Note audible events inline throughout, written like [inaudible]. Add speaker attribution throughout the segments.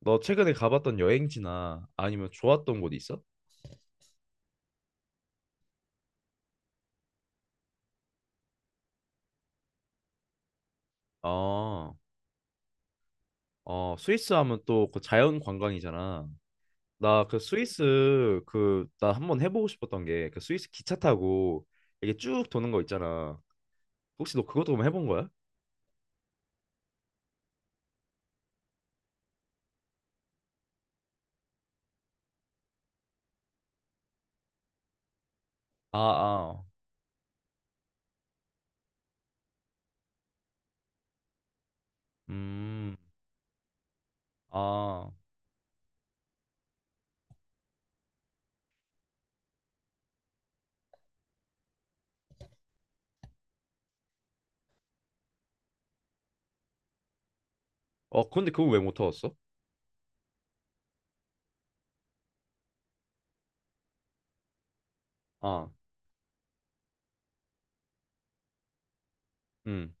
Speaker 1: 너 최근에 가봤던 여행지나 아니면 좋았던 곳 있어? 아, 어, 스위스 하면 또 그 자연 관광이잖아. 나 그 스위스 그 나 한번 해보고 싶었던 게 그 스위스 기차 타고 이게 쭉 도는 거 있잖아. 혹시 너 그것도 한번 해본 거야? 아, 아, 음, 아, 어, 근데 그거 왜 못 타봤어? 아, 음,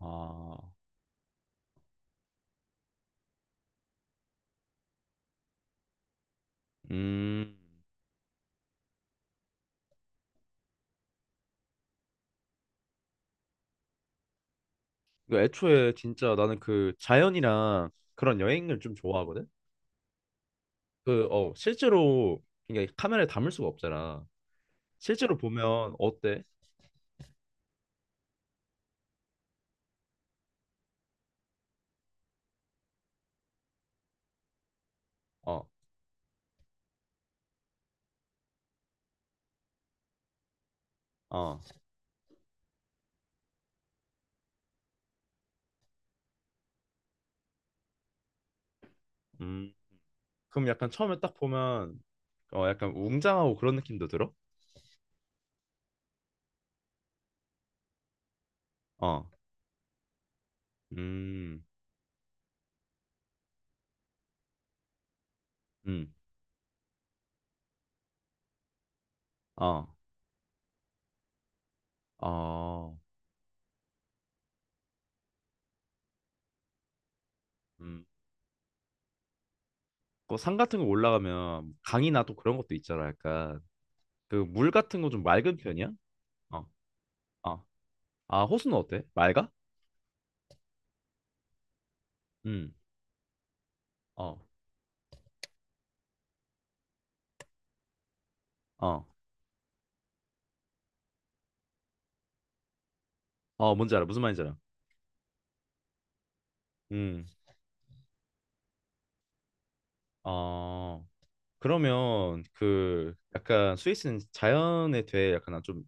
Speaker 1: 아, 음. 그 애초에 진짜 나는 그 자연이랑 그런 여행을 좀 좋아하거든. 그, 어, 실제로, 이게 카메라에 담을 수가 없잖아. 실제로 보면, 어때? 어, 어, 음. 그럼 약간 처음에 딱 보면, 어, 약간 웅장하고 그런 느낌도 들어? 어, 음, 음, 어, 어, 음. 그산 같은 거 올라가면, 강이나 또 그런 것도 있잖아, 약간. 그 물 같은 거 좀 맑은 편이야? 어, 어. 아, 호수는 어때? 맑아? 음, 어, 어, 어, 뭔지 알아. 무슨 말인지 알아. 음, 어. 그러면 그 약간 스위스는 자연에 대해 약간 좀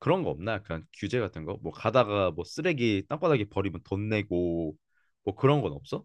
Speaker 1: 그런 거 없나? 약간 규제 같은 거? 뭐 가다가 뭐 쓰레기 땅바닥에 버리면 돈 내고 뭐 그런 건 없어?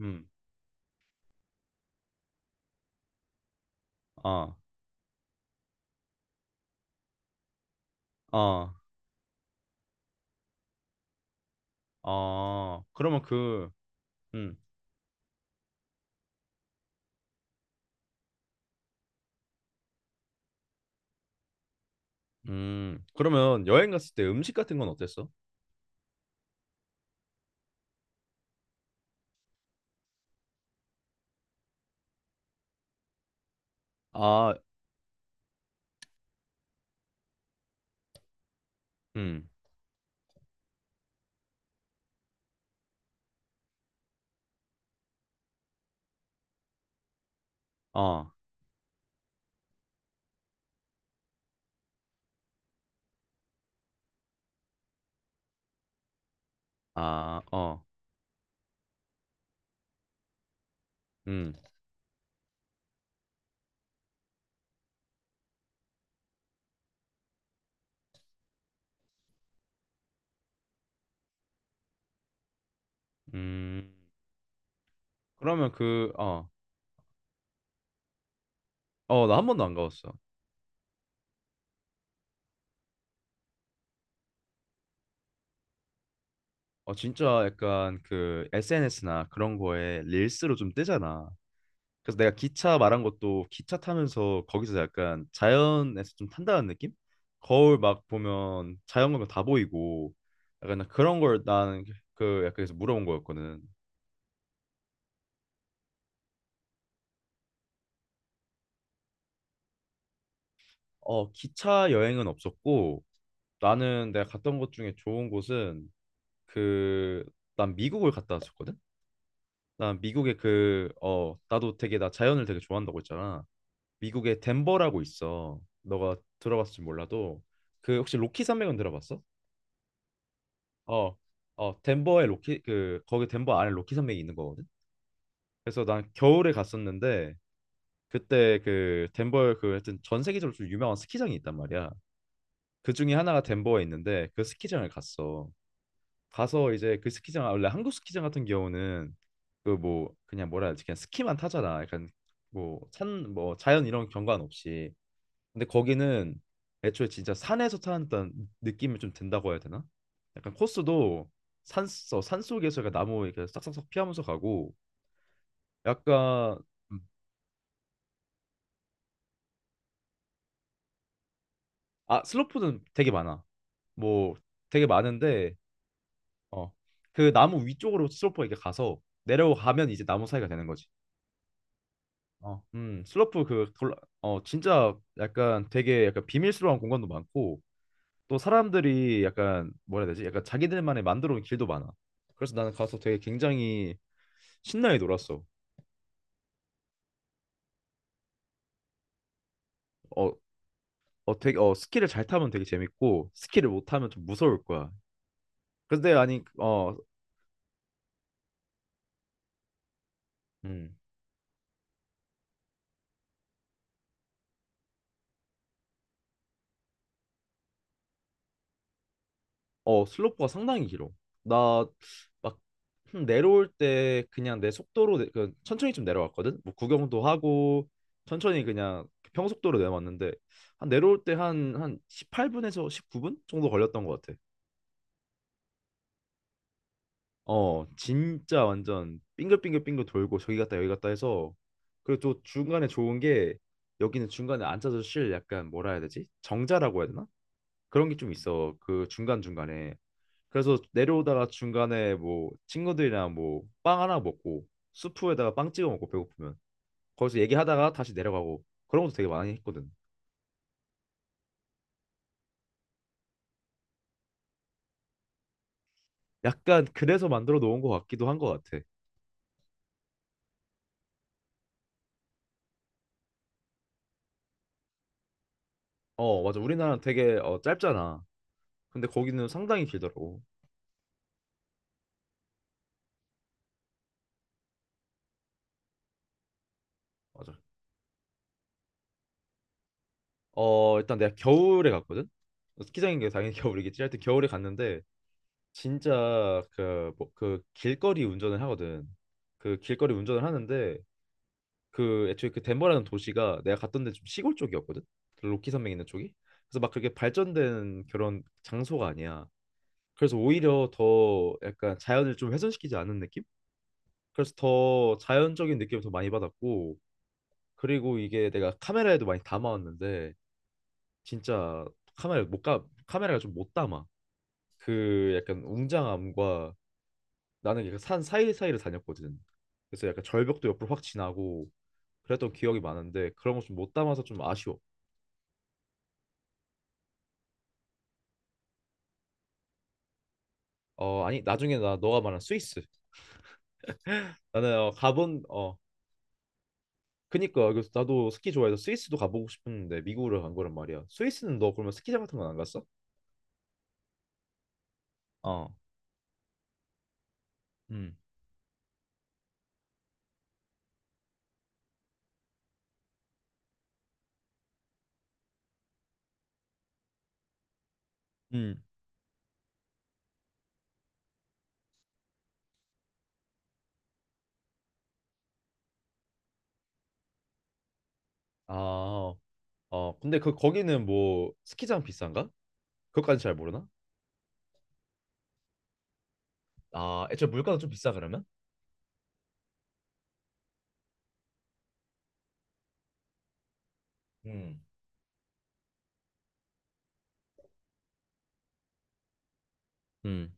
Speaker 1: 음. 아, 아, 아. 그러면 그, 음, 그러면 여행 갔을 때 음식 같은 건 어땠어? 아, 음, 어, 아, 어, 음, 음. 그러면 그, 어, 어, 나 한 번도 안 가봤어. 어 진짜 약간 그 SNS나 그런 거에 릴스로 좀 뜨잖아. 그래서 내가 기차 말한 것도 기차 타면서 거기서 약간 자연에서 좀 탄다는 느낌? 거울 막 보면 자연 보면 다 보이고 약간 그런 걸 나는 그 약간 그래서 물어본 거였거든. 어 기차 여행은 없었고 나는 내가 갔던 곳 중에 좋은 곳은 그 난 미국을 갔다 왔었거든. 난 미국의 그 어 나도 되게 나 자연을 되게 좋아한다고 했잖아. 미국의 덴버라고 있어. 너가 들어봤을지 몰라도 그 혹시 로키 산맥은 들어봤어? 어, 어 덴버에 로키 그 거기 덴버 안에 로키 산맥이 있는 거거든. 그래서 난 겨울에 갔었는데 그때 그 덴버에 그 하여튼 전 세계적으로 좀 유명한 스키장이 있단 말이야. 그 중에 하나가 덴버에 있는데 그 스키장을 갔어. 가서 이제 그 스키장 원래 한국 스키장 같은 경우는 그 뭐 그냥 뭐라 해야 되지 그냥 스키만 타잖아. 약간 뭐 산 뭐 자연 이런 경관 없이 근데 거기는 애초에 진짜 산에서 타는다 느낌이 좀 든다고 해야 되나? 약간 코스도 산, 어, 산 속에서 약간 나무 이렇게 싹싹싹 피하면서 가고 약간 음. 아 슬로프는 되게 많아. 뭐 되게 많은데 어 그 나무 위쪽으로 슬로프가 이렇게 가서 내려가면 이제 나무 사이가 되는 거지. 어, 슬로프 어, 진짜 약간 되게 약간 비밀스러운 공간도 많고 또 사람들이 약간 뭐라 해야 되지? 약간 자기들만의 만들어 온 길도 많아. 그래서 나는 가서 되게 굉장히 신나게 놀았어. 어, 어, 되게, 어, 스키를 잘 타면 되게 재밌고, 스키를 못 타면 좀 무서울 거야. 근데 아니, 어, 음, 어, 슬로프가 상당히 길어. 나 막 내려올 때 그냥 내 속도로 그 천천히 좀 내려왔거든. 뭐 구경도 하고 천천히 그냥 평속도로 내려왔는데 한 내려올 때 한 18분에서 19분 정도 걸렸던 것 같아. 어, 진짜 완전 빙글빙글빙글 돌고 저기 갔다 여기 갔다 해서 그리고 또 중간에 좋은 게 여기는 중간에 앉아서 쉴 약간 뭐라 해야 되지? 정자라고 해야 되나? 그런 게 좀 있어. 그 중간중간에. 그래서 내려오다가 중간에 뭐 친구들이랑 뭐 빵 하나 먹고 수프에다가 빵 찍어 먹고 배고프면 거기서 얘기하다가 다시 내려가고 그런 것도 되게 많이 했거든. 약간 그래서 만들어 놓은 것 같기도 한 것 같아. 어, 맞아. 우리나라는 되게 어, 짧잖아. 근데 거기는 상당히 길더라고. 맞아. 어 일단 내가 겨울에 갔거든. 어, 스키장인 게 당연히 [laughs] 겨울이겠지. 하여튼 겨울에 갔는데 진짜 그 뭐 그 길거리 운전을 하거든. 그 길거리 운전을 하는데 그 애초에 그 덴버라는 도시가 내가 갔던 데 좀 시골 쪽이었거든. 그 로키 산맥 있는 쪽이. 그래서 막 그렇게 발전된 그런 장소가 아니야. 그래서 오히려 더 약간 자연을 좀 훼손시키지 않은 느낌? 그래서 더 자연적인 느낌을 더 많이 받았고 그리고 이게 내가 카메라에도 많이 담아왔는데 진짜 카메라가 좀 못 담아 그 약간 웅장함과 나는 약간 산 사이사이를 다녔거든 그래서 약간 절벽도 옆으로 확 지나고 그랬던 기억이 많은데 그런 거 좀 못 담아서 좀 아쉬워 어 아니 나중에 나 너가 말한 스위스 나는 어, 가본 어 그니까 그래서 나도 스키 좋아해서 스위스도 가보고 싶었는데 미국으로 간 거란 말이야. 스위스는 너 그러면 스키장 같은 건 안 갔어? 어 음. 음. 아, 어, 근데 그 거기는 뭐 스키장 비싼가? 그것까지 잘 모르나? 아, 애초에 물가도 좀 비싸 그러면? 음. 음,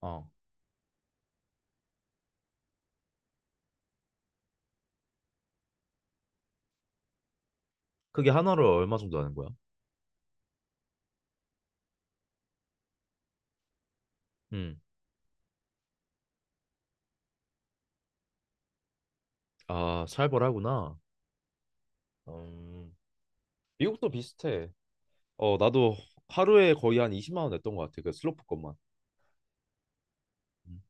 Speaker 1: 어. 그게 하나로 얼마 정도 하는 거야? 음, 아, 살벌하구나. 음, 미국도 비슷해. 어, 나도 하루에 거의 한 20만 원 냈던 것 같아. 그 슬로프 것만. 음,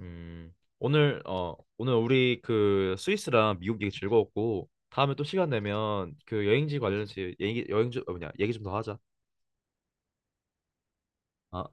Speaker 1: 음, 오늘, 어, 오늘 우리 그 스위스랑 미국 얘기 즐거웠고, 다음에 또 시간 내면 그 여행지 관련해서 얘기, 여행지, 어, 뭐냐, 얘기 좀 더 하자. 아,